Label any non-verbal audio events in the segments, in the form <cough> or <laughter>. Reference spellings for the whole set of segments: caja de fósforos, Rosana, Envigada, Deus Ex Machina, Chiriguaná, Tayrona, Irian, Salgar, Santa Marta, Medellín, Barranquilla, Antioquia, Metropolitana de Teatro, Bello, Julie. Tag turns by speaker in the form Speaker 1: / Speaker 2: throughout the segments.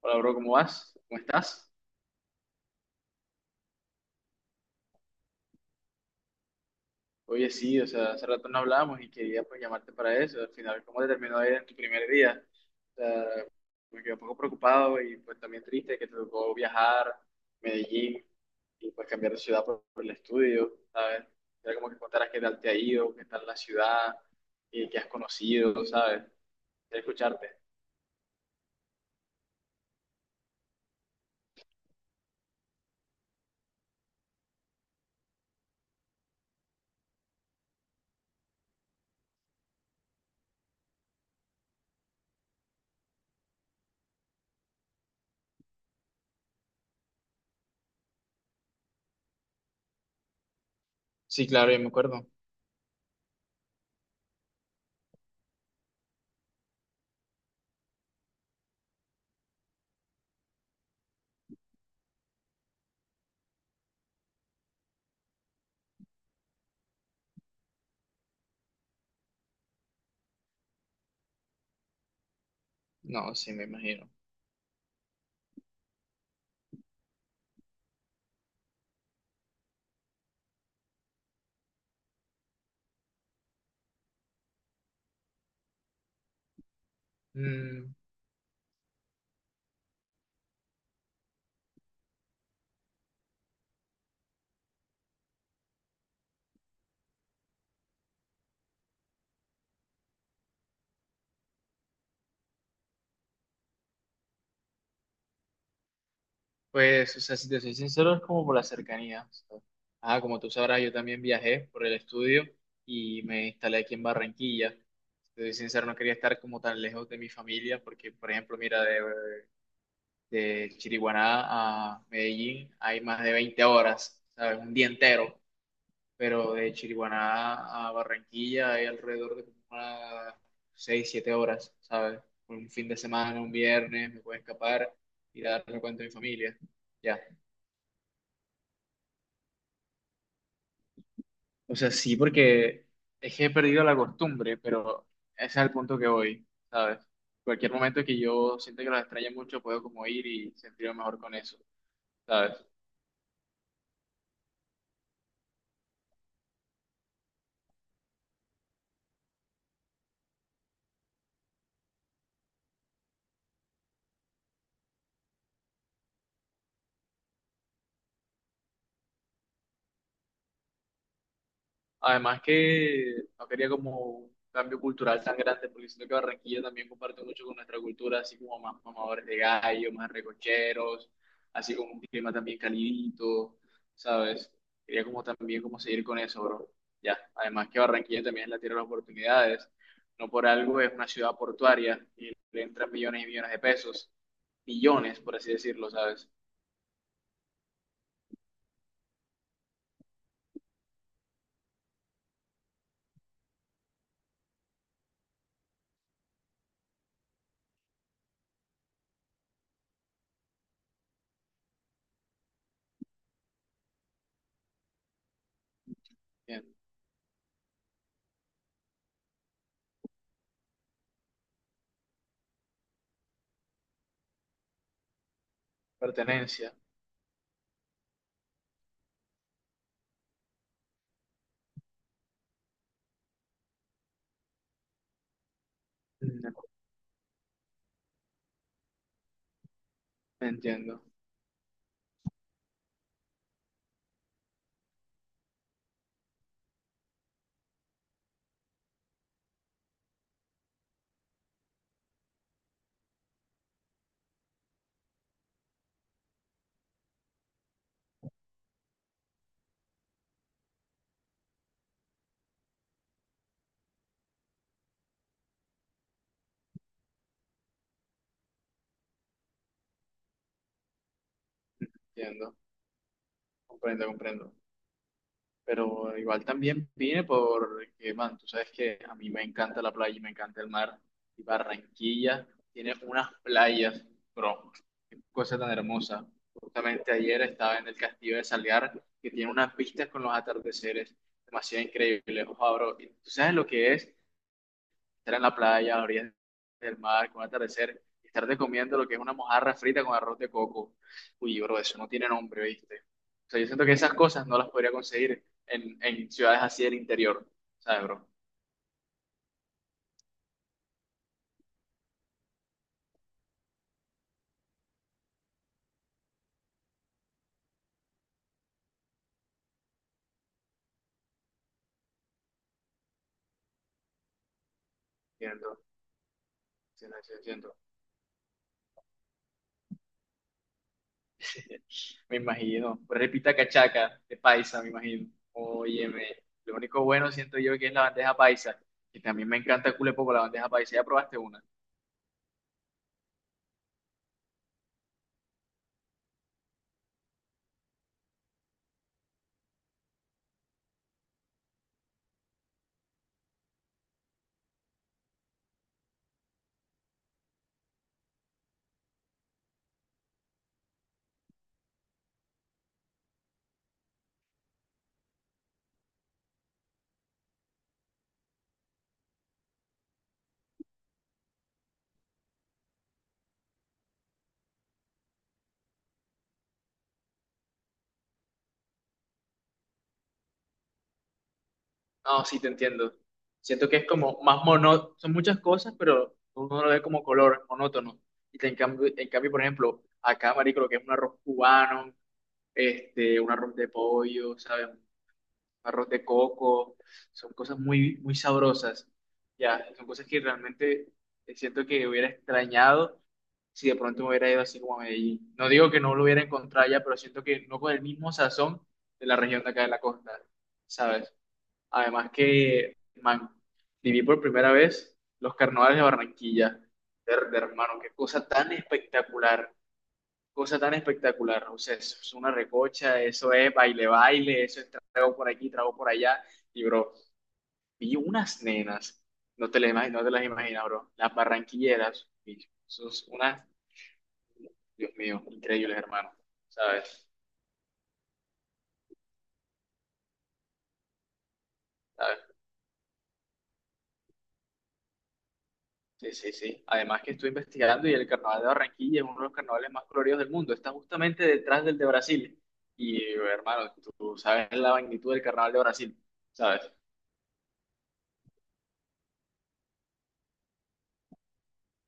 Speaker 1: Hola, bro, ¿cómo vas? ¿Cómo estás? Oye, sí, o sea, hace rato no hablábamos y quería pues llamarte para eso. Al final, ¿cómo te terminó de ir en tu primer día? O sea, me quedé un poco preocupado y pues también triste que te tocó viajar a Medellín y pues cambiar de ciudad por el estudio, ¿sabes? Era como que contaras qué tal te ha ido, qué tal la ciudad y qué has conocido, ¿sabes? Quería escucharte. Sí, claro, yo me acuerdo. No, sí, me imagino. Mm. Pues, o sea, si te soy sincero, es como por la cercanía. O sea, ah, como tú sabrás, yo también viajé por el estudio y me instalé aquí en Barranquilla. Si te soy sincero, no quería estar como tan lejos de mi familia porque, por ejemplo, mira, de Chiriguaná a Medellín hay más de 20 horas, ¿sabes? Un día entero. Pero de Chiriguaná a Barranquilla hay alrededor de como unas 6 7 horas, ¿sabes? Un fin de semana, un viernes, me puedo escapar y darme cuenta de mi familia. Ya. O sea, sí, porque es que he perdido la costumbre, pero ese es el punto que voy, ¿sabes? Cualquier momento que yo sienta que los extrañe mucho, puedo como ir y sentirme mejor con eso, ¿sabes? Además que no quería como un cambio cultural tan grande, porque siento que Barranquilla también comparte mucho con nuestra cultura, así como más mamadores de gallo, más recocheros, así como un clima también calidito, ¿sabes? Quería como también como seguir con eso, bro. Ya, además que Barranquilla también es la tierra de las oportunidades, no por algo es una ciudad portuaria y le entran millones y millones de pesos, millones, por así decirlo, ¿sabes? Bien, pertenencia. Mm. Entiendo, entiendo, comprendo, comprendo. Pero igual también vine porque, man, tú sabes que a mí me encanta la playa y me encanta el mar. Y Barranquilla tiene unas playas, bro, qué cosa tan hermosa. Justamente ayer estaba en el castillo de Salgar, que tiene unas vistas con los atardeceres demasiado increíbles, ojo, bro. Y tú sabes lo que es estar en la playa, a la orilla del mar, con el atardecer, y estarte comiendo lo que es una mojarra frita con arroz de coco. Uy, bro, eso no tiene nombre, ¿viste? O sea, yo siento que esas cosas no las podría conseguir en ciudades así del interior, ¿sabes, bro? Siento, siento, siento, siento. <laughs> Me imagino. Pues Repita cachaca de paisa, me imagino. Óyeme, lo único bueno siento yo que es la bandeja paisa, que también me encanta culepo con la bandeja paisa. ¿Ya probaste una? No, sí, te entiendo. Siento que es como más monótono, son muchas cosas, pero uno lo ve como color, monótono. Y en cambio, por ejemplo, acá, marico, lo que es un arroz cubano, este, un arroz de pollo, ¿sabes? Un arroz de coco, son cosas muy, muy sabrosas. Ya, son cosas que realmente siento que hubiera extrañado si de pronto me hubiera ido así como a Medellín. No digo que no lo hubiera encontrado ya, pero siento que no con el mismo sazón de la región de acá de la costa, ¿sabes? Además que, man, viví por primera vez los carnavales de Barranquilla. Verde, hermano, qué cosa tan espectacular, cosa tan espectacular. O sea, eso es una recocha, eso es baile, baile, eso es trago por aquí, trago por allá. Y, bro, vi unas nenas, no te las imaginas, bro, las barranquilleras. Y eso es unas, Dios mío, increíbles, hermano, ¿sabes? Sí, sí, sí. Además que estoy investigando y el carnaval de Barranquilla es uno de los carnavales más coloridos del mundo. Está justamente detrás del de Brasil. Y hermano, tú sabes la magnitud del carnaval de Brasil, ¿sabes?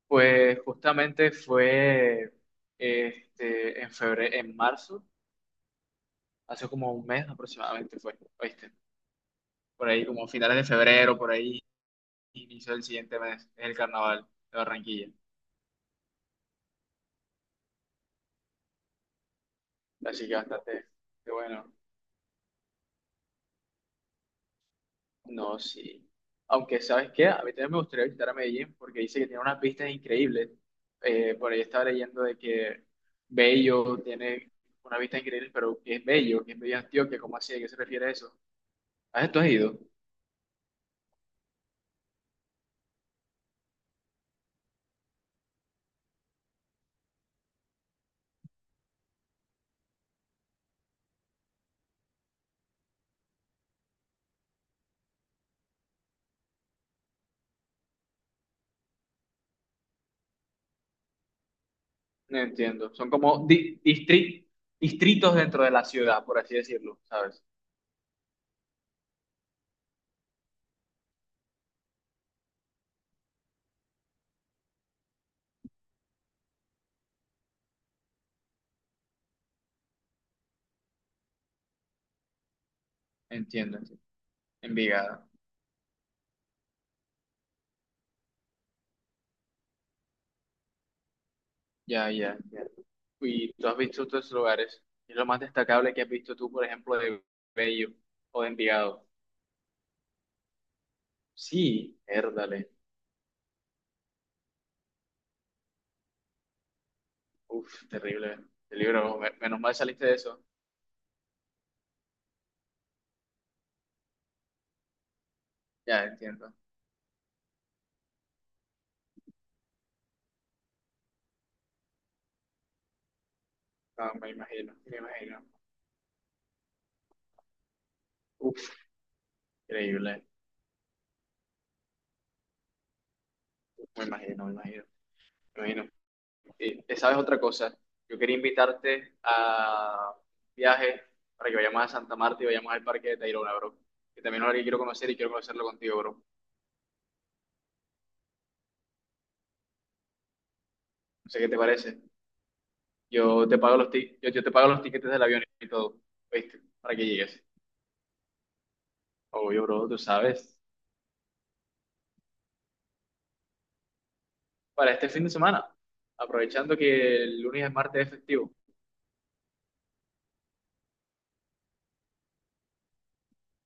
Speaker 1: Pues justamente fue en febrero, en marzo, hace como un mes aproximadamente fue, ¿oíste? Por ahí como finales de febrero, por ahí inicio del siguiente mes, es el carnaval de Barranquilla. Así que bastante, qué bueno. No, sí. Aunque, ¿sabes qué? A mí también me gustaría visitar a Medellín porque dice que tiene unas vistas increíbles. Por ahí estaba leyendo de que Bello tiene una vista increíble, pero ¿qué es Bello? ¿Qué es Bello Antioquia? ¿Cómo así? ¿A qué se refiere eso? ¿A esto has ido? No entiendo. Son como distritos dentro de la ciudad, por así decirlo, ¿sabes? Entiendo. Entiendo. Envigada. Ya, ya, ya. ¿Y tú has visto estos lugares? ¿Qué es lo más destacable que has visto tú, por ejemplo, de Bello o de Envigado? Sí, érdale. Uf, terrible. El libro, menos mal saliste de eso. Ya entiendo. No, me imagino, me imagino. Uf, increíble. Me imagino, me imagino. Me imagino. ¿Sabes otra cosa? Yo quería invitarte a un viaje para que vayamos a Santa Marta y vayamos al Parque de Tayrona, bro. Que también es algo que quiero conocer y quiero conocerlo contigo, bro. No sé qué te parece. Yo te pago los tiquetes del avión y todo. ¿Viste? Para que llegues. Obvio, bro, tú sabes. Para este fin de semana, aprovechando que el lunes es martes es festivo.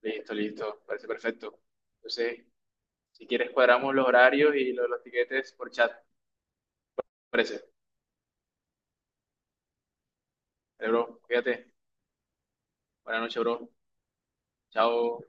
Speaker 1: Listo, listo, parece perfecto. Entonces, si quieres cuadramos los horarios y lo de los tiquetes por chat. Parece. Vale, bro, cuídate. Buenas noches, bro. Chao.